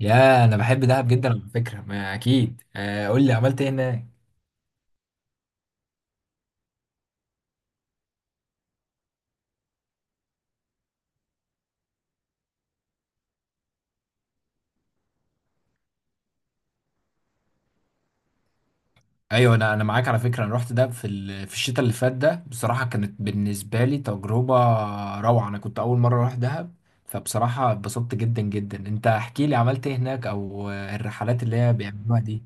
يا، انا بحب دهب جدا على فكره. ما اكيد آه، قول لي عملت ايه هناك. ايوه، انا معاك على فكره. انا رحت دهب في الشتاء اللي فات ده، بصراحه كانت بالنسبه لي تجربه روعه. انا كنت اول مره اروح دهب، فبصراحه اتبسطت جدا جدا. انت احكي لي عملت ايه هناك، او الرحلات اللي هي بيعملوها دي.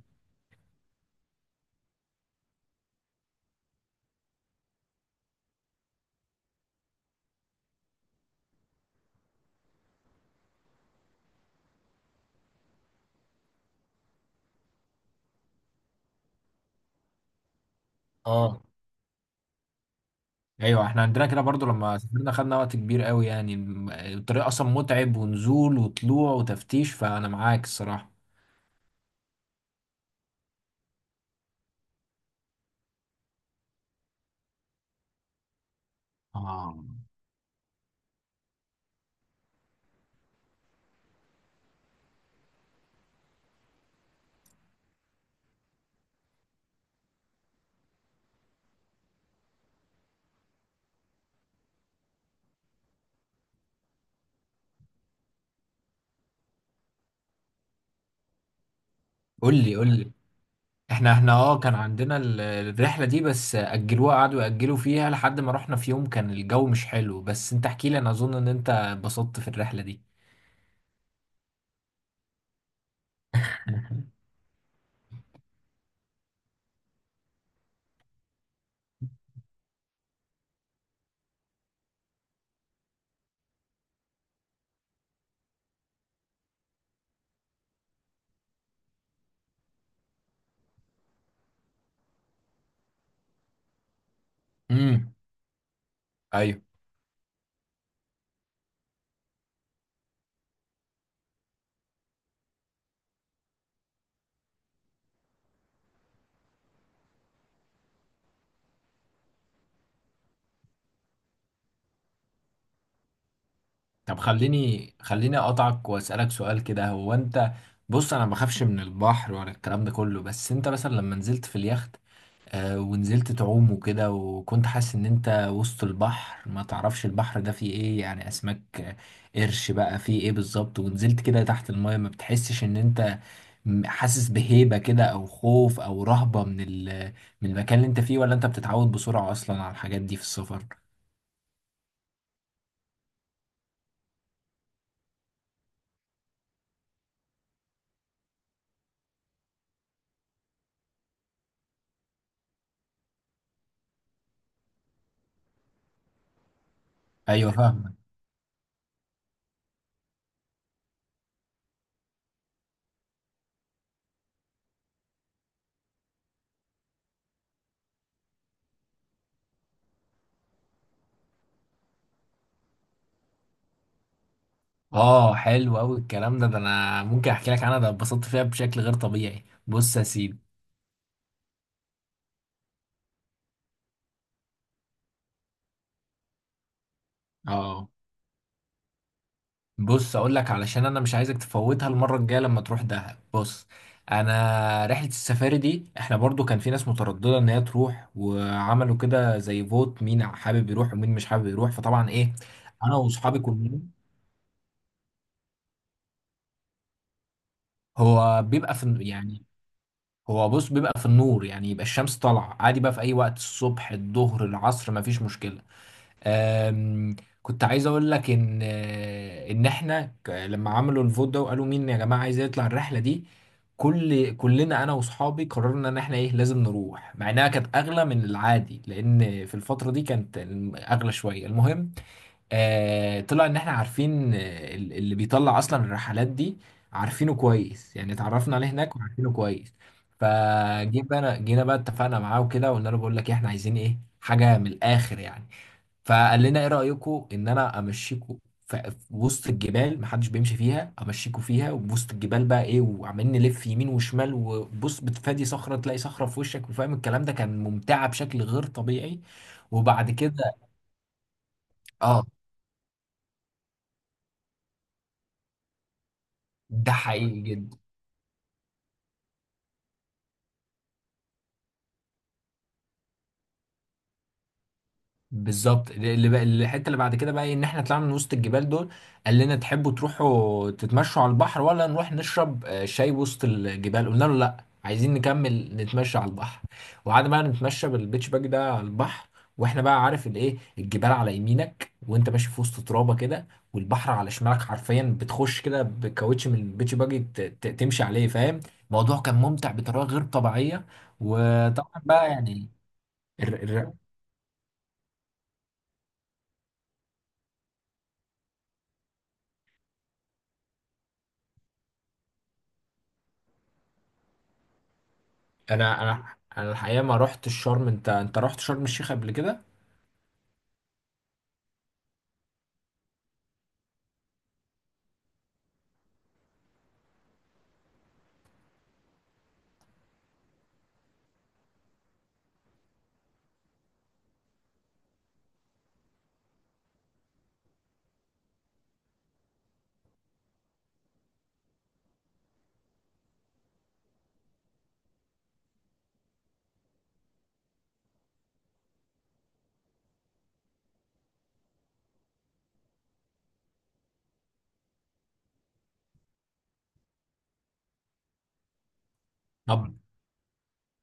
اه. ايوه احنا عندنا كده برضو، لما سافرنا خدنا وقت كبير قوي يعني، الطريق اصلا متعب، ونزول وطلوع وتفتيش، فانا معاك الصراحه. اه. قول لي قول لي. احنا كان عندنا الرحلة دي، بس أجلوها، قعدوا يأجلوا فيها لحد ما رحنا في يوم كان الجو مش حلو. بس انت احكي لي، انا اظن ان انت اتبسطت في الرحلة دي. امم ايوه. طب خليني خليني اقطعك واسألك سؤال كده. هو انت... بص انا ما بخافش من البحر ولا الكلام ده كله، بس انت مثلا لما نزلت في اليخت ونزلت تعوم وكده، وكنت حاسس ان انت وسط البحر، ما تعرفش البحر ده فيه ايه، يعني اسماك قرش بقى، فيه ايه بالظبط. ونزلت كده تحت المايه، ما بتحسش ان انت حاسس بهيبة كده، او خوف او رهبة من المكان اللي انت فيه؟ ولا انت بتتعود بسرعة اصلا على الحاجات دي في السفر؟ ايوه فاهمك. اه حلو قوي الكلام ده. ده انا ممكن احكي لك عنها، ده اتبسطت فيها بشكل غير طبيعي. بص يا سيدي. اه، بص اقول لك، علشان انا مش عايزك تفوتها المره الجايه لما تروح دهب. بص، انا رحله السفاري دي احنا برضو كان في ناس متردده ان هي تروح، وعملوا كده زي فوت، مين حابب يروح ومين مش حابب يروح، فطبعا ايه، انا واصحابي كلنا. هو بيبقى في الن- يعني هو بص بيبقى في النور يعني، يبقى الشمس طالعه عادي بقى في اي وقت، الصبح الظهر العصر، مفيش مشكله. آم، كنت عايز اقول لك ان ان احنا لما عملوا الفوت ده وقالوا مين يا جماعه عايز يطلع الرحله دي، كلنا انا واصحابي قررنا ان احنا ايه لازم نروح، مع انها كانت اغلى من العادي، لان في الفتره دي كانت اغلى شويه. المهم طلع ان احنا عارفين اللي بيطلع اصلا الرحلات دي عارفينه كويس، يعني اتعرفنا عليه هناك وعارفينه كويس. فجينا بقى اتفقنا معاه وكده، وقلنا له بقول لك إيه، احنا عايزين ايه، حاجه من الاخر يعني. فقال لنا ايه رايكم ان انا امشيكم في وسط الجبال محدش بيمشي فيها، امشيكم فيها. وبوسط الجبال بقى ايه، وعمالين نلف يمين وشمال، وبص بتفادي صخره تلاقي صخره في وشك، وفاهم الكلام ده، كان ممتعه بشكل غير طبيعي. وبعد كده، اه، ده حقيقي جدا. بالظبط. اللي بقى الحته اللي بعد كده بقى إيه؟ ان احنا طلعنا من وسط الجبال دول. قال لنا تحبوا تروحوا تتمشوا على البحر، ولا نروح نشرب شاي وسط الجبال؟ قلنا له لا، عايزين نكمل نتمشى على البحر. وقعدنا بقى نتمشى بالبيتش باج ده على البحر، واحنا بقى عارف الايه، الجبال على يمينك وانت ماشي في وسط ترابه كده، والبحر على شمالك حرفيا. بتخش كده بكاوتش من البيتش باج تمشي عليه فاهم. الموضوع كان ممتع بطريقه غير طبيعيه. وطبعا بقى يعني... الر- الر- انا الحقيقه ما رحت الشرم. انت رحت شرم الشيخ قبل كده. طب مم.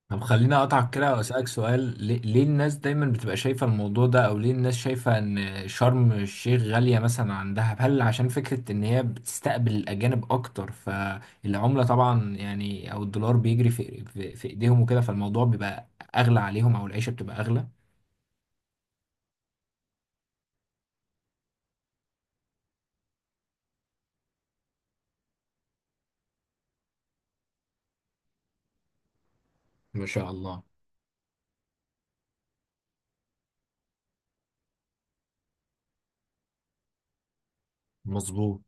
طب خليني اقطعك كده واسالك سؤال. ليه الناس دايما بتبقى شايفه الموضوع ده، او ليه الناس شايفه ان شرم الشيخ غاليه مثلا عن دهب؟ هل عشان فكره ان هي بتستقبل الاجانب اكتر، فالعمله طبعا يعني، او الدولار بيجري في ايديهم وكده، فالموضوع بيبقى اغلى عليهم، او العيشه بتبقى اغلى. ما شاء الله. مظبوط.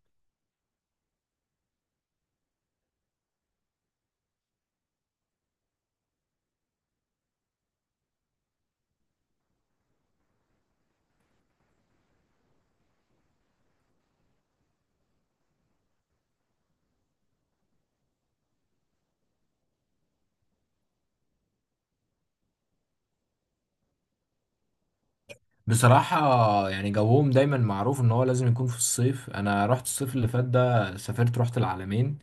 بصراحة يعني جوهم دايما معروف ان هو لازم يكون في الصيف. انا رحت الصيف اللي فات ده، سافرت رحت العلمين.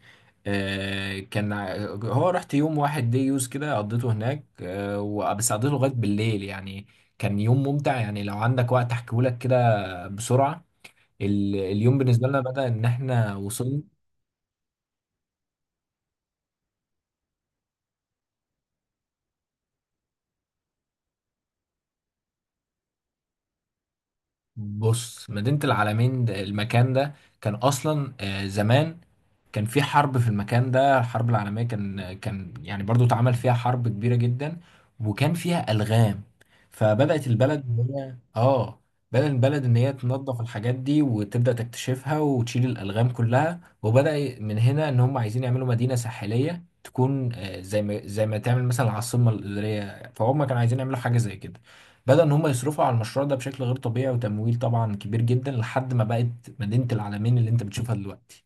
كان هو رحت يوم واحد دي يوز كده، قضيته هناك، بس قضيته لغاية بالليل يعني. كان يوم ممتع، يعني لو عندك وقت احكيهولك كده بسرعة. اليوم بالنسبة لنا بدأ ان احنا وصلنا. بص، مدينة العلمين المكان ده كان اصلا زمان كان في حرب في المكان ده، الحرب العالمية، كان يعني برضو اتعمل فيها حرب كبيرة جدا، وكان فيها ألغام. فبدأت البلد إن هي تنظف الحاجات دي، وتبدأ تكتشفها وتشيل الألغام كلها. وبدأ من هنا إن هم عايزين يعملوا مدينة ساحلية تكون زي ما تعمل مثلا العاصمة الإدارية، فهم كانوا عايزين يعملوا حاجة زي كده. بدأ إن هم يصرفوا على المشروع ده بشكل غير طبيعي، وتمويل طبعا كبير جدا، لحد ما بقت مدينة العالمين اللي أنت بتشوفها دلوقتي.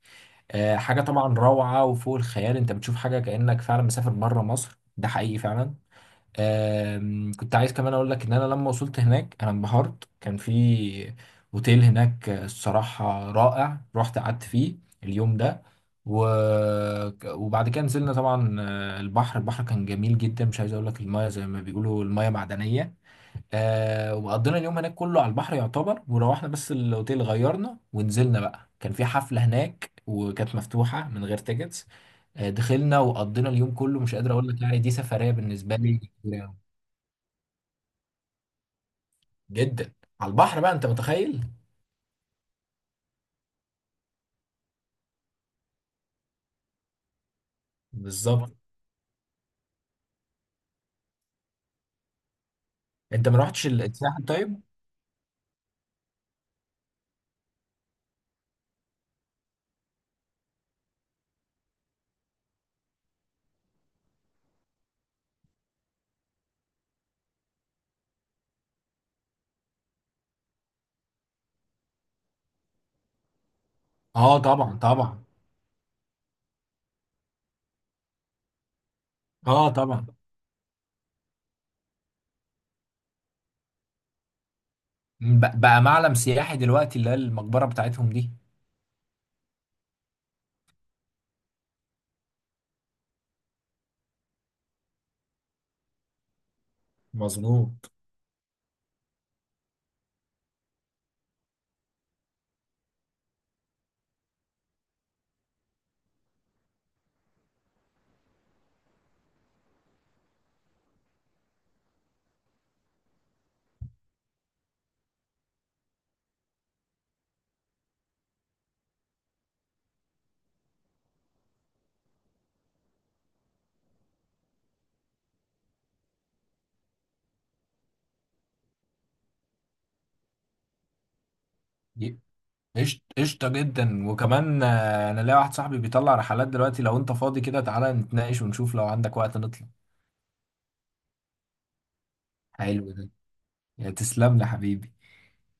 حاجة طبعا روعة وفوق الخيال. انت بتشوف حاجة كأنك فعلا مسافر بره مصر، ده حقيقي فعلا. كنت عايز كمان اقول لك ان انا لما وصلت هناك انا انبهرت. كان في اوتيل هناك الصراحة رائع، رحت قعدت فيه اليوم ده. و... وبعد كده نزلنا طبعا البحر كان جميل جدا، مش عايز اقول لك، المايه زي ما بيقولوا المايه معدنية. وقضينا اليوم هناك كله على البحر يعتبر، وروحنا بس الاوتيل غيرنا ونزلنا بقى، كان في حفلة هناك وكانت مفتوحة من غير تيكتس. دخلنا وقضينا اليوم كله. مش قادر اقول لك، يعني دي سفرية بالنسبة لي كبيرة أوي. جدا على البحر بقى، انت متخيل. بالظبط. انت ما رحتش الساحل طيب؟ اه طبعا طبعا. اه طبعا. بقى معلم سياحي دلوقتي، اللي هي المقبرة بتاعتهم دي. مظبوط. قشطة جدا. وكمان انا لاقي واحد صاحبي بيطلع رحلات دلوقتي، لو انت فاضي كده تعالى نتناقش ونشوف، لو عندك وقت نطلع. حلو ده. يا تسلم لي حبيبي.